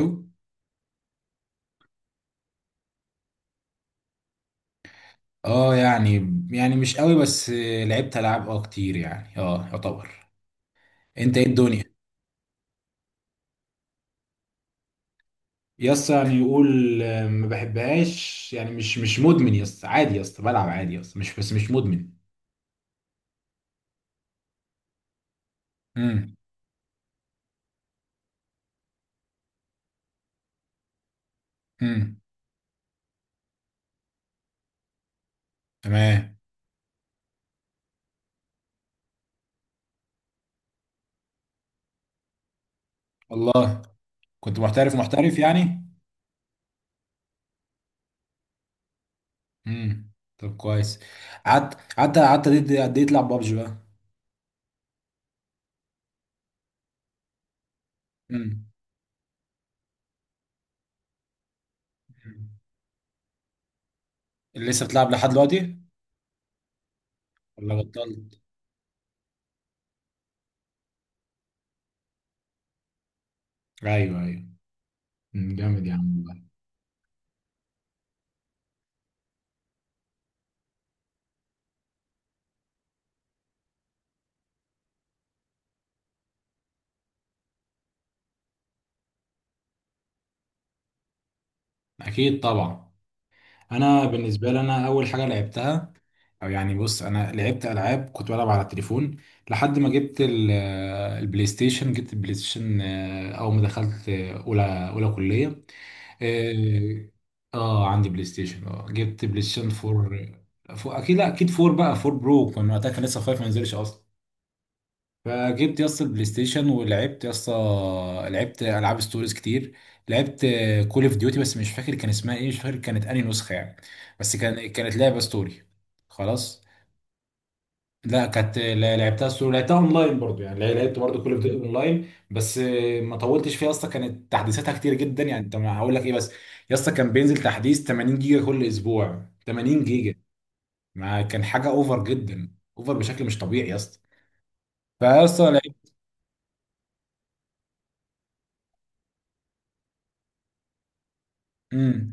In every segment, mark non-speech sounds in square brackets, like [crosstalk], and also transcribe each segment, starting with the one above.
أوي؟ اه يعني. يعني مش قوي بس. لعبت العاب كتير يعني يعتبر. انت ايه الدنيا؟ يس يعني يقول. آه، ما بحبهاش يعني مش مدمن. يس عادي. يس بلعب عادي. يس مش، بس مش مدمن. امم. امم. تمام. والله كنت محترف محترف يعني؟ امم. طب كويس. قعدت قد ايه، قد إيه تلعب بابجي بقى؟ امم. اللي لسه بتلعب لحد دلوقتي ولا بطلت؟ ايوه ايوه. أمم، جامد يا عم والله. اكيد طبعا. انا بالنسبه لي، انا اول حاجه لعبتها، او يعني بص انا لعبت العاب، كنت بلعب على التليفون لحد ما جبت البلاي ستيشن. جبت البلاي ستيشن آه، اول ما دخلت آه، اولى كليه. اه آه، عندي بلاي ستيشن. اه جبت بلاي ستيشن 4. فور اكيد، لا اكيد 4، بقى 4 برو كان وقتها، كان لسه 5 ما نزلش اصلا. فجبت يا اسطى البلاي ستيشن ولعبت يا اسطى. لعبت العاب ستوريز كتير. لعبت كول اوف ديوتي بس مش فاكر كان اسمها ايه، مش فاكر كانت انهي نسخه يعني. بس كان، كانت لعبه ستوري. خلاص. لا كانت لعبتها ستوري، لعبتها اونلاين برضو يعني. لعبت برضو كول اوف ديوتي اونلاين بس آه، ما طولتش فيها اصلا. كانت تحديثاتها كتير جدا يعني، انت ما هقول لك ايه بس. يا اسطى كان بينزل تحديث 80 جيجا كل اسبوع، 80 جيجا. ما كان حاجه اوفر جدا. اوفر بشكل مش طبيعي يا اسطى. فيا اسطى. لعبت.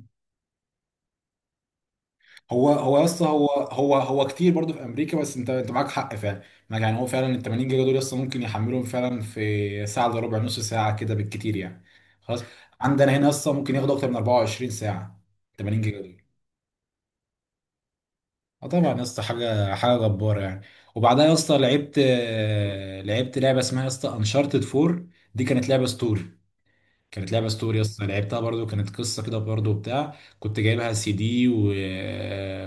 هو هو يا اسطى، هو هو هو كتير برضه في امريكا، بس انت انت معاك حق فعلا. يعني هو فعلا ال 80 جيجا دول اصلا ممكن يحملهم فعلا في ساعه الا ربع، نص ساعه كده بالكتير يعني. خلاص. عندنا هنا اصلا ممكن ياخدوا اكتر من 24 ساعه، 80 جيجا دول. اه طبعا يا اسطى حاجه، حاجه جباره يعني. وبعدها يا اسطى لعبت آه، لعبت لعبه اسمها يا اسطى انشارتد 4. دي كانت لعبه ستوري. كانت لعبه ستوري اصلا، لعبتها برضو كانت قصه كده برضو بتاع. كنت جايبها سي دي و...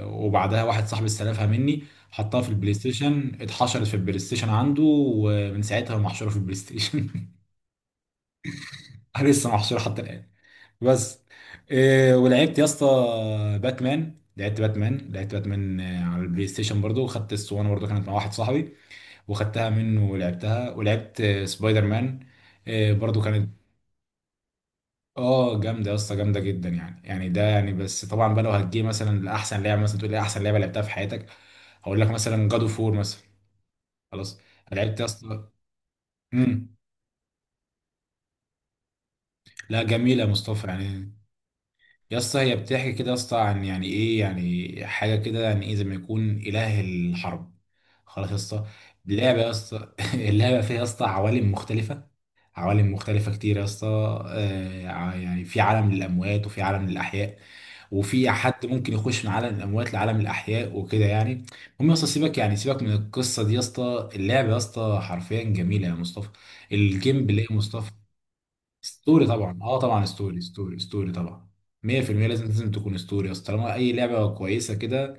وبعدها واحد صاحبي استلفها مني، حطها في البلاي ستيشن، اتحشرت في البلاي ستيشن عنده، ومن ساعتها محشوره في البلاي ستيشن. [laughs] لسه محشوره حتى الان. بس إيه ولعبت يا اسطى باتمان. لعبت باتمان آه، على البلاي ستيشن برضو. وخدت الاسطوانه برضو، كانت مع واحد صاحبي، وخدتها منه ولعبتها. ولعبت آه، سبايدر مان آه، برضو كانت. اه جامده يا اسطى، جامده جدا يعني. يعني ده يعني بس طبعا بقى، لو هتجي مثلا لاحسن لعبه، مثلا تقول لي احسن لعبه لعبتها في حياتك، هقول لك مثلا جادو فور مثلا. خلاص. انا لعبت يا اسطى. امم. لا جميله يا مصطفى يعني. يا اسطى هي بتحكي كده يا اسطى عن يعني ايه، يعني حاجه كده يعني ايه زي ما يكون اله الحرب. خلاص يا اسطى. اللعبه يا اسطى [laughs] اللعبه فيها يا اسطى عوالم مختلفه. عوالم مختلفة كتير يا اسطى. آه، يعني في عالم للأموات وفي عالم للأحياء. وفي حد ممكن يخش من عالم الأموات لعالم الأحياء وكده يعني. المهم يا اسطى سيبك يعني، سيبك من القصة دي يا اسطى. اللعبة يا اسطى حرفيا جميلة يا مصطفى. الجيم بلاي يا مصطفى. ستوري طبعا، اه طبعا ستوري ستوري ستوري طبعا. 100% لازم، لازم تكون ستوري يا اسطى طالما أي لعبة كويسة كده.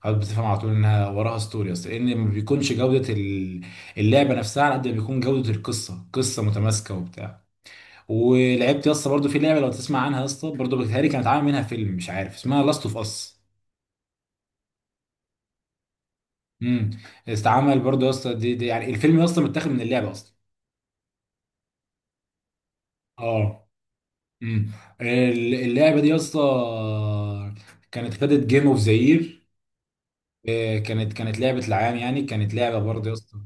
خلاص. بتفهم على طول انها وراها ستوري، اصل لان ما بيكونش جوده اللعبه نفسها على قد ما بيكون جوده القصه، قصه متماسكه وبتاع. ولعبت يا اسطى برضه في لعبه لو تسمع عنها يا اسطى برضه بتهيألي كانت عامل منها فيلم مش عارف اسمها، لاست اوف اس. امم. استعمل برضه يا اسطى دي يعني الفيلم يا اسطى متاخد من اللعبه اصلا. اه. امم. اللعبه دي يا اسطى كانت خدت جيم اوف ذا يير. كانت، كانت لعبه العام يعني، كانت لعبه برضه يا اسطى.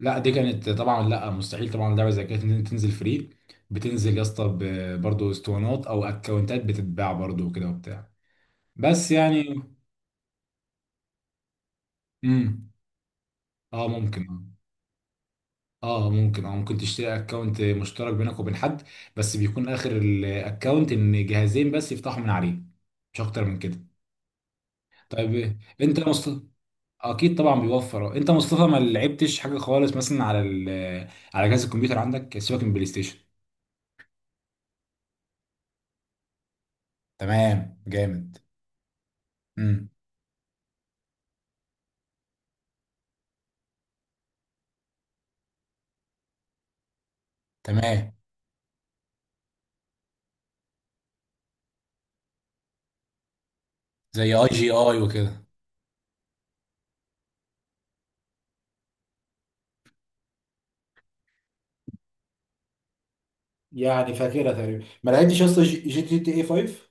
لا دي كانت طبعا، لا مستحيل طبعا لعبه زي كده تنزل فري. بتنزل يا اسطى برضه اسطوانات او اكونتات بتتباع برضه وكده وبتاع. بس يعني. امم. اه ممكن آه. اه ممكن، اه ممكن تشتري اكونت مشترك بينك وبين حد. بس بيكون اخر الاكونت ان جهازين بس يفتحوا من عليه، مش اكتر من كده. طيب انت يا مصطفى. اكيد طبعا بيوفر اه. انت يا مصطفى ما لعبتش حاجه خالص مثلا على ال... على جهاز الكمبيوتر عندك سيبك من بلاي ستيشن. تمام جامد. امم. تمام. زي اي جي اي وكده. يعني فاكرها تقريبا، ما لعبتش اصلا جي تي اي 5.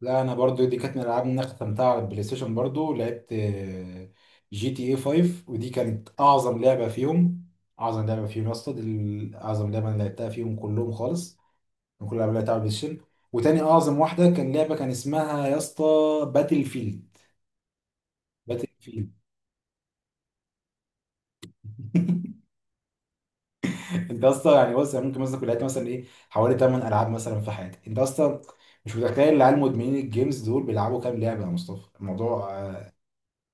لا انا برضو دي كانت من الالعاب اللي انا ختمتها على البلاي ستيشن برضو، لعبت آه، جي تي اي 5، ودي كانت اعظم لعبه فيهم. اعظم لعبه فيهم يا اسطى دي اعظم لعبه انا لعبتها فيهم كلهم خالص. من كل الالعاب اللي لعبتها على البلاي ستيشن. وتاني اعظم واحده كان لعبه كان اسمها يا اسطى باتل فيلد. باتل فيلد. [laughs] انت اصلا يعني بص، يعني ممكن مثلا كنت لعبت مثلا ايه حوالي 8 العاب مثلا في حياتي. انت اصلا مش متخيل العيال مدمنين الجيمز دول بيلعبوا كام لعبه يا مصطفى، الموضوع آه،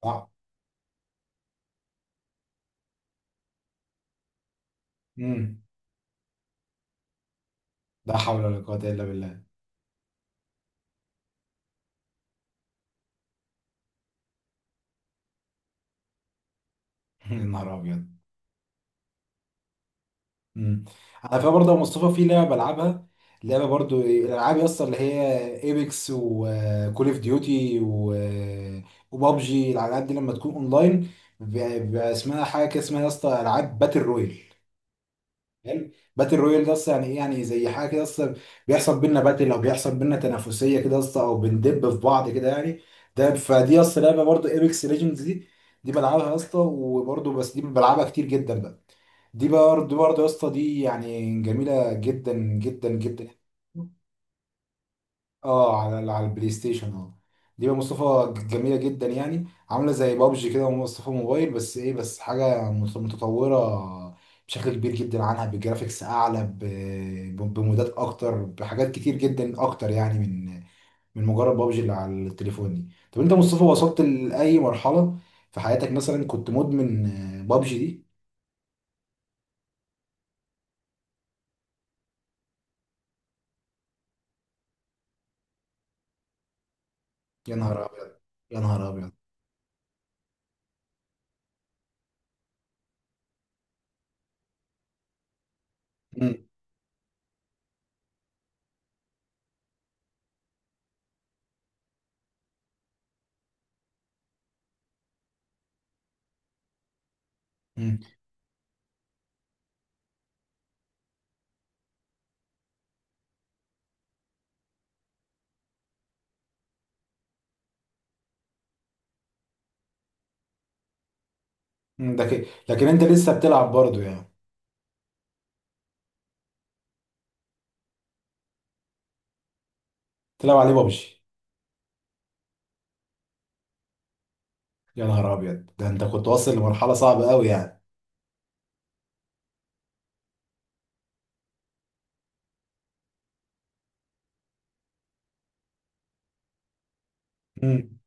صعب. امم. لا حول ولا قوه الا بالله. يا [laughs] نهار ابيض. مم. على فكره برضه يا مصطفى في لعبه بلعبها. لعبه برضه الالعاب يا اسطى اللي هي ايبكس وكول اوف ديوتي وبابجي، الالعاب دي لما تكون اونلاين بيبقى اسمها حاجه كده، اسمها يا اسطى العاب باتل رويال. حلو. باتل رويال ده اصلا يعني ايه، يعني زي حاجه كده اصلا بيحصل بينا باتل او بيحصل بينا تنافسيه كده اصلا او بندب في بعض كده يعني. ده فدي اصلا لعبه برضو ايبكس ليجندز دي. دي بلعبها يا اسطى وبرضو بس دي بلعبها كتير جدا بقى. دي برضو برضو يا اسطى دي يعني جميله جدا جدا جدا. اه على على البلاي ستيشن اه. دي بقى مصطفى جميله جدا يعني. عامله زي بابجي كده ومصطفى موبايل بس ايه، بس حاجه متطوره بشكل كبير جدا عنها، بجرافيكس اعلى بمودات اكتر، بحاجات كتير جدا اكتر يعني من مجرد بابجي اللي على التليفون دي. طب انت يا مصطفى وصلت لاي مرحله في حياتك مثلا، كنت مدمن آه، بابجي دي؟ يا نهار ابيض. يا نهار ابيض. مم. مم. مم. ده كده لكن انت لسه بتلعب برضه يعني. تلعب عليه بابجي. يا نهار ابيض، ده انت كنت واصل لمرحله صعبه قوي يعني. مم.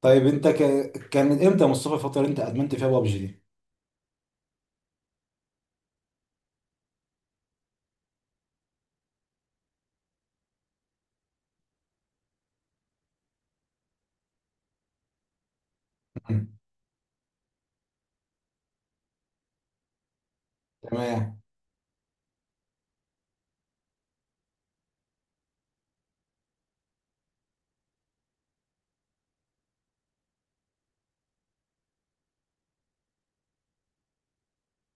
طيب انت ك... كان امتى يا مصطفى الفتره اللي انت ادمنت فيها بابجي دي؟ مم. تمام.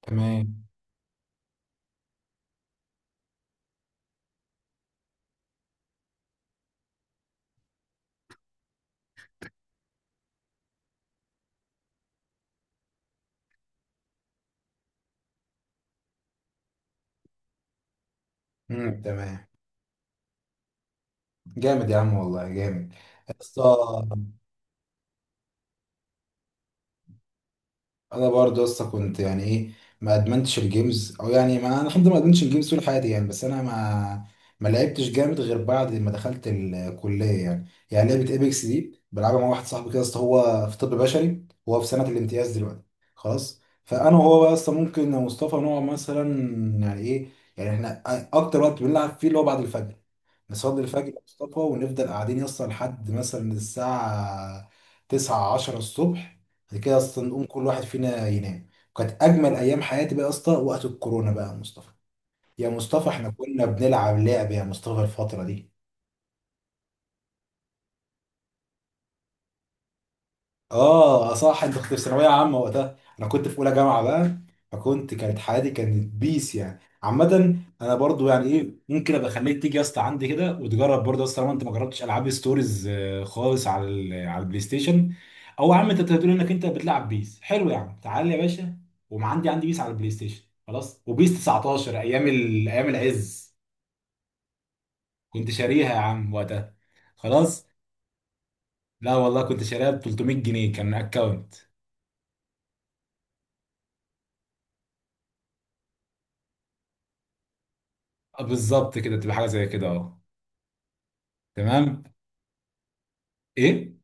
تمام. مم. تمام. جامد يا عم والله جامد. يا اسطى انا برضه لسه كنت يعني ايه، ما ادمنتش الجيمز، او يعني ما انا الحمد لله ما ادمنتش الجيمز طول حياتي يعني. بس انا ما لعبتش جامد غير بعد ما دخلت الكليه يعني. يعني لعبه ايبكس دي بلعبها مع واحد صاحبي كده. اصل هو في طب بشري، هو في سنه الامتياز دلوقتي. خلاص. فانا وهو بقى اصلا ممكن يا مصطفى نقعد مثلا يعني ايه، يعني احنا اكتر وقت بنلعب فيه اللي هو بعد الفجر. نصلي الفجر يا مصطفى ونفضل قاعدين يسطا لحد مثلا الساعة تسعة عشرة الصبح. بعد كده اصلا نقوم كل واحد فينا ينام. وكانت أجمل أيام حياتي بقى يا اسطى وقت الكورونا بقى يا مصطفى. يا مصطفى احنا كنا بنلعب لعب يا مصطفى الفترة دي. اه صح انت كنت في ثانويه عامه وقتها، انا كنت في اولى جامعه بقى. فكنت، كانت حياتي كانت بيس يعني عامه. انا برضو يعني ايه، ممكن ابقى اخليك تيجي يا اسطى عندي كده وتجرب برضه يا اسطى لو انت ما جربتش العاب ستوريز آه، خالص على على البلاي ستيشن. او يا عم انت بتقول انك انت بتلعب بيس حلو يا عم، تعالى يا باشا. وما عندي عندي بيس على البلاي ستيشن خلاص، وبيس 19 ايام ال... ايام العز. كنت شاريها يا عم وقتها. خلاص. لا والله كنت شاريها ب 300 جنيه. كان اكونت. آه، بالظبط كده، تبقى حاجه زي كده اه. تمام. ايه.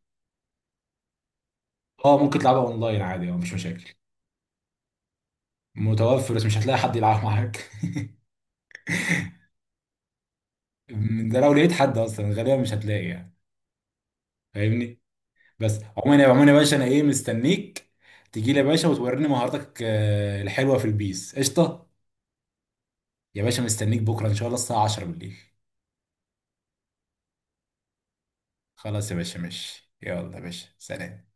اه ممكن تلعبها اونلاين عادي، اه مفيش مشاكل. متوفر بس مش هتلاقي حد يلعب معاك. [laughs] ده لو لقيت حد اصلا غالبا مش هتلاقي يعني. فاهمني. بس عموما، يا عموما يا باشا انا ايه، مستنيك تجي لي يا باشا وتوريني مهاراتك آه، الحلوه في البيس قشطه. يا باشا مستنيك بكره ان شاء الله الساعه 10 بالليل. خلاص يا باشا، ماشي، يلا يا باشا، سلام.